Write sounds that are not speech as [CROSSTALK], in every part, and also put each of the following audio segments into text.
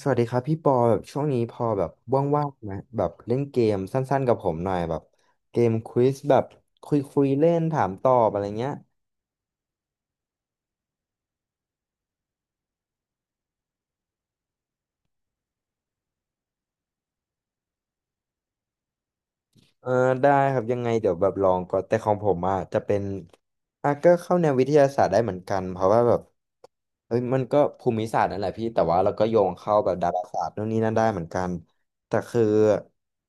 สวัสดีครับพี่ปอแบบช่วงนี้พอแบบว่างๆไหมแบบเล่นเกมสั้นๆกับผมหน่อยแบบเกมควิซแบบคุยคุยเล่นถามตอบอะไรเงี้ยเออได้ครับยังไงเดี๋ยวแบบลองก่อนแต่ของผมอ่ะจะเป็นอ่ะก็เข้าแนววิทยาศาสตร์ได้เหมือนกันเพราะว่าแบบเฮ้ยมันก็ภูมิศาสตร์นั่นแหละพี่แต่ว่าเราก็โยงเข้าแบบดาราศาสตร์นู่นนี่นั่นได้เหมือนกันแต่คือ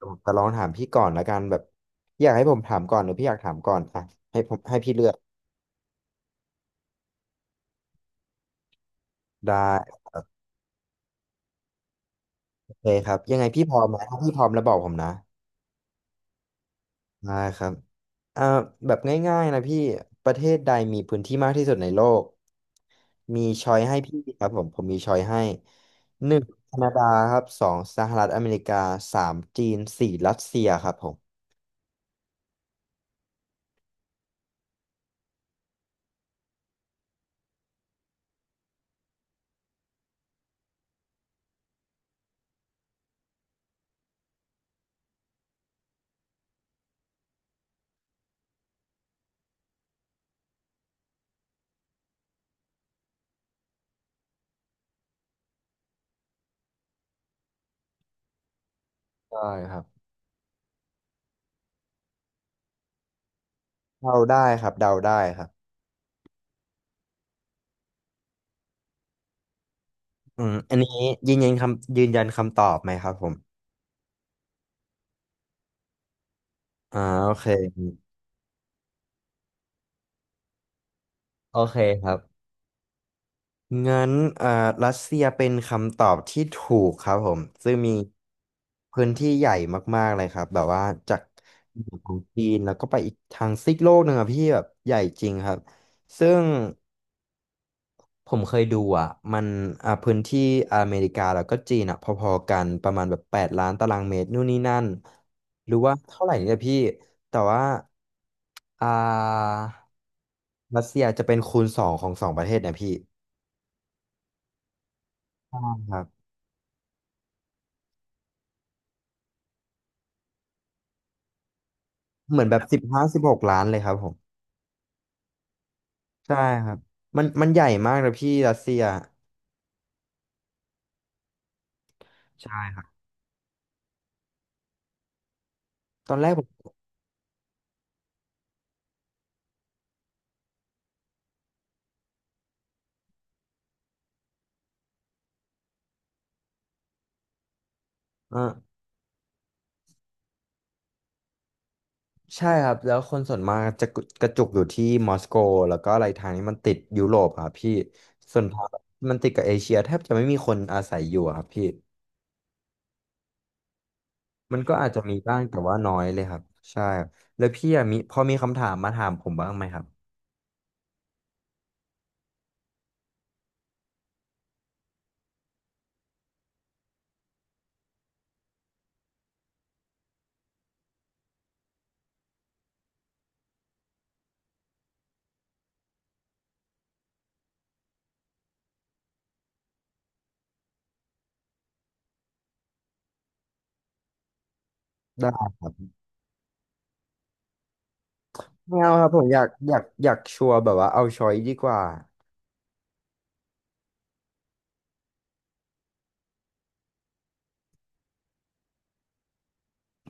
ผมจะลองถามพี่ก่อนละกันแบบอยากให้ผมถามก่อนหรือพี่อยากถามก่อนอ่ะให้ผมให้พี่เลือกได้ โอเคครับยังไงพี่พร้อมนะถ้าพี่พร้อมแล้วบอกผมนะได้ครับเอ่าแบบง่ายๆนะพี่ประเทศใดมีพื้นที่มากที่สุดในโลกมีช้อยให้พี่ครับผมผมมีช้อยให้หนึ่งแคนาดาครับสองสหรัฐอเมริกาสามจีนสี่รัสเซียครับผมได้ครับเดาได้ครับเดาได้ครับอืมอันนี้ยืนยันคำตอบไหมครับผมอ่าโอเคโอเคครับ งั้นรัสเซียเป็นคำตอบที่ถูกครับผม ซึ่งมีพื้นที่ใหญ่มากๆเลยครับ แบบว่าจากเหนือของจีนแล้วก็ไปอีกทางซีกโลกหนึ่งอะพี่แบบใหญ่จริงครับ ซึ่งผมเคยดูอ่ะมันพื้นที่อเมริกาแล้วก็จีนอ่ะพอๆกันประมาณแบบ8,000,000ตารางเมตรนู่นนี่นั่น หรือว่าเท่าไหร่เนี่ยพี่ แต่ว่าอ่ารัสเซียจะเป็นคูณสองของสองประเทศเนะพี่ใช่ครับ เหมือนแบบ15-16 ล้านเลยครับผมใช่ครับมันใหญ่มากนะพี่รัสเซียใช่ครับตอนแรกผมเออใช่ครับแล้วคนส่วนมากจะกระจุกอยู่ที่มอสโกแล้วก็อะไรทางนี้มันติดยุโรปอะครับพี่ส่วนทางมันติดกับเอเชียแทบจะไม่มีคนอาศัยอยู่อะครับพี่มันก็อาจจะมีบ้างแต่ว่าน้อยเลยครับใช่ครับแล้วพี่อะมีพอมีคำถามมาถามผมบ้างไหมครับได้ครับไม่เอาครับผมอยากชัวร์แบบว่าเอาช้อยดีกว่า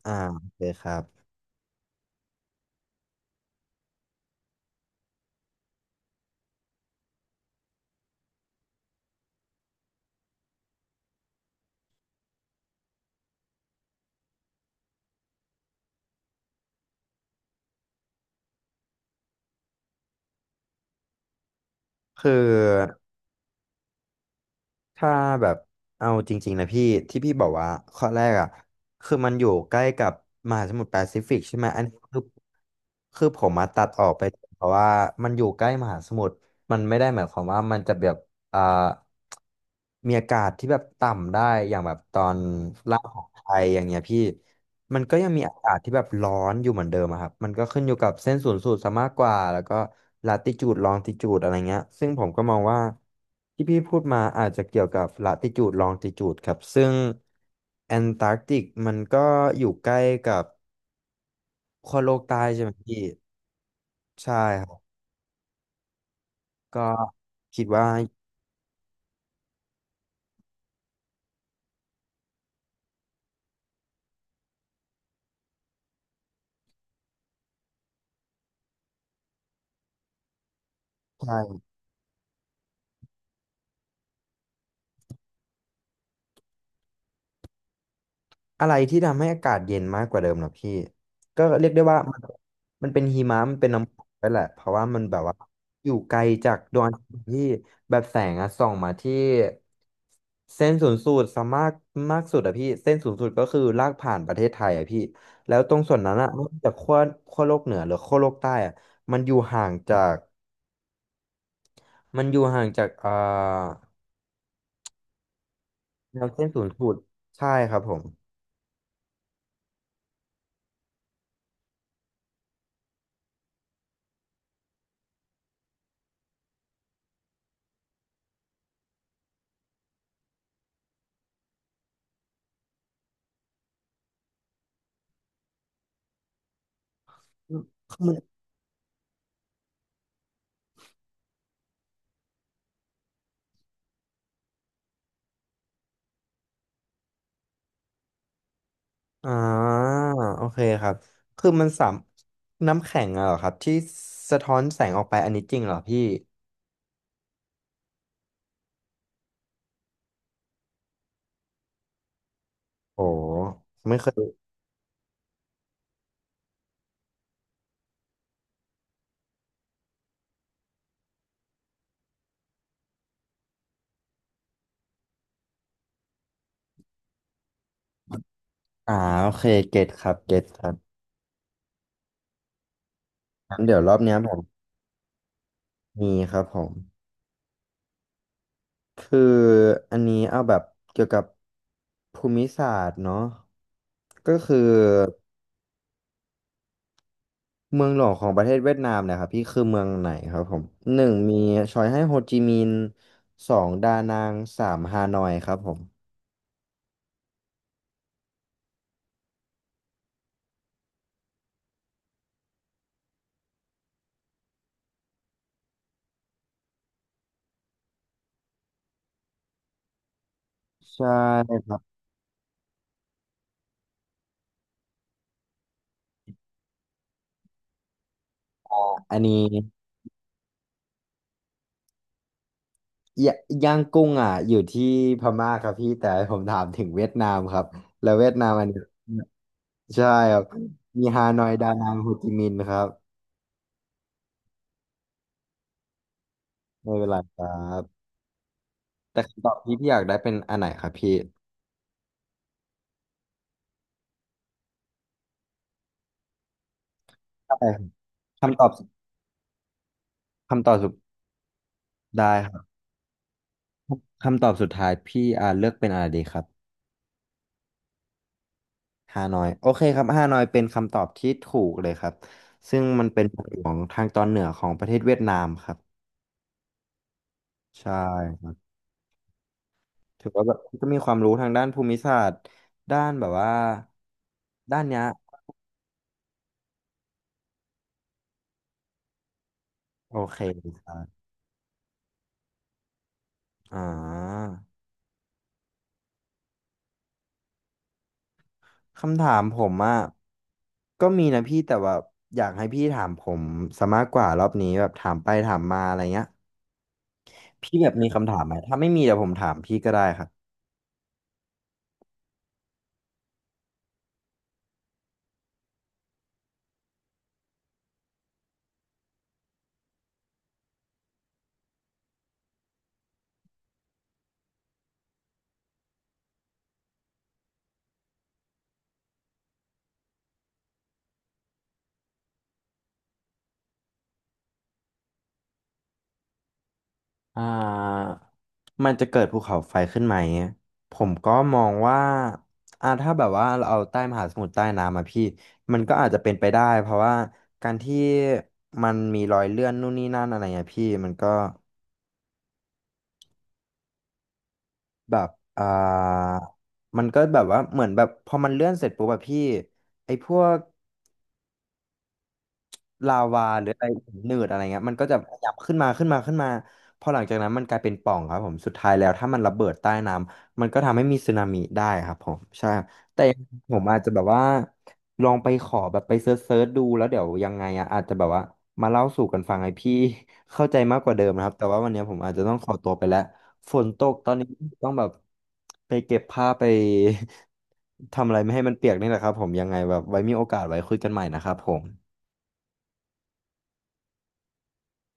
อ่าโอเคครับคือ ถ้าแบบเอาจริงๆนะพี่ที่พี่บอกว่าข้อแรกอ่ะคือมันอยู่ใกล้กับมหาสมุทรแปซิฟิกใช่ไหมอันนี้คือคือผมมาตัดออกไปเพราะว่ามันอยู่ใกล้มหาสมุทรมันไม่ได้หมายความว่ามันจะแบบอ่ามีอากาศที่แบบต่ำได้อย่างแบบตอนล่างของไทยอย่างเงี้ยพี่ มันก็ยังมีอากาศที่แบบร้อนอยู่เหมือนเดิมอะครับมันก็ขึ้นอยู่กับเส้นศูนย์สูตรซะมากกว่าแล้วก็ลาติจูดลองติจูดอะไรเงี้ยซึ่งผมก็มองว่าที่พี่พูดมาอาจจะเกี่ยวกับลาติจูดลองติจูดครับซึ่งแอนตาร์กติกมันก็อยู่ใกล้กับขั้วโลกใต้ใช่ไหมพี่ใช่ครับก็คิดว่าใช่ อะไรที่ทำให้อากาศเย็นมากกว่าเดิมเหรอพี่ก็เรียกได้ว่ามันเป็นหิมะมันเป็นน้ำฝนไปแหละเพราะว่ามันแบบว่าอยู่ไกลจากดวงอาทิตย์ที่แบบแสงอะส่องมาที่เส้นศูนย์สูตรสามารถมากสุดอะพี่เส้นศูนย์สูตรก็คือลากผ่านประเทศไทยอะพี่แล้วตรงส่วนนั้นอะนอกจากขั้วโลกเหนือหรือขั้วโลกใต้อะมันอยู่ห่างจากมันอยู่ห่างจากแนวเส้นศูนย์สูตรใช่ครับผมคือมัน อ่าโอเคครับคือมันสามน้ำแข็งอะเหรอครับที่สะท้อนแสงออกไปอันนี้จริงเหรอพี่โอ้ไม่เคยอ่าโอเคเก็ตครับเก็ตครับงั้นเดี๋ยวรอบเนี้ยผมมีครับผมคืออันนี้เอาแบบเกี่ยวกับภูมิศาสตร์เนาะก็คือเมืองหลวงของประเทศเวียดนามเนะครับพี่คือเมืองไหนครับผมหนึ่งมีชอยให้โฮจิมินห์สองดานังสามฮานอยครับผมใช่ อันนี้ยย่างกุ้งอ่ะอยู่ที่พม่าครับพี่แต่ผมถามถึงเวียดนามครับแล้วเวียดนามอันนี้ใช่ครับมีฮานอยดานังโฮจิมินห์ครับไม่เป็นไรครับแต่คำตอบที่พี่อยากได้เป็นอันไหนครับพี่ใช่ครับคำตอบคำตอบสุดได้ครับคำตอบสุดท้ายพี่เลือกเป็นอะไรดีครับฮานอยโอเคครับฮานอยเป็นคำตอบที่ถูกเลยครับซึ่งมันเป็นเมืองหลวงทางตอนเหนือของประเทศเวียดนามครับใช่ ถือว่าแบบก็มีความรู้ทางด้านภูมิศาสตร์ด้านแบบว่าด้านเนี้ยโอเคครับอ่าคำถามผมอ่ะก็มีนะพี่แต่ว่าอยากให้พี่ถามผมซะมากกว่ารอบนี้แบบถามไปถามมาอะไรเงี้ยพี่แบบมีคำถามไหมถ้าไม่มีเดี๋ยวผมถามพี่ก็ได้ครับ อ่ามันจะเกิดภูเขาไฟขึ้นไหมผมก็มองว่าถ้าแบบว่าเราเอาใต้มหาสมุทรใต้น้ำมาพี่มันก็อาจจะเป็นไปได้เพราะว่าการที่มันมีรอยเลื่อนนู่นนี่นั่นอะไรเงี้ยพี่แบบอ่ามันก็แบบว่าเหมือนแบบพอมันเลื่อนเสร็จปุ๊บแบบพี่ไอ้พวก ลาวาหรืออะไรหินหนืดอะไรเงี้ยมันก็จะขยับขึ้นมาขึ้นมาขึ้นมาพอหลังจากนั้นมันกลายเป็นปล่องครับผมสุดท้ายแล้วถ้ามันระเบิดใต้น้ำมันก็ทำให้มีสึนามิได้ครับผมใช่แต่ผมอาจจะแบบว่าลองไปขอแบบไปเซิร์ชดูแล้วเดี๋ยวยังไงอะอาจจะแบบว่ามาเล่าสู่กันฟังให้พี่ [LAUGHS] เข้าใจมากกว่าเดิมนะครับแต่ว่าวันนี้ผมอาจจะต้องขอตัวไปแล้วฝนตกตอนนี้ต้องแบบไป [LAUGHS] เก็บผ้าไป [LAUGHS] ทำอะไรไม่ให้มันเปียกนี่แหละครับผมยังไงแบบไว้มีโอกาสไว้คุยกันใหม่นะครับผม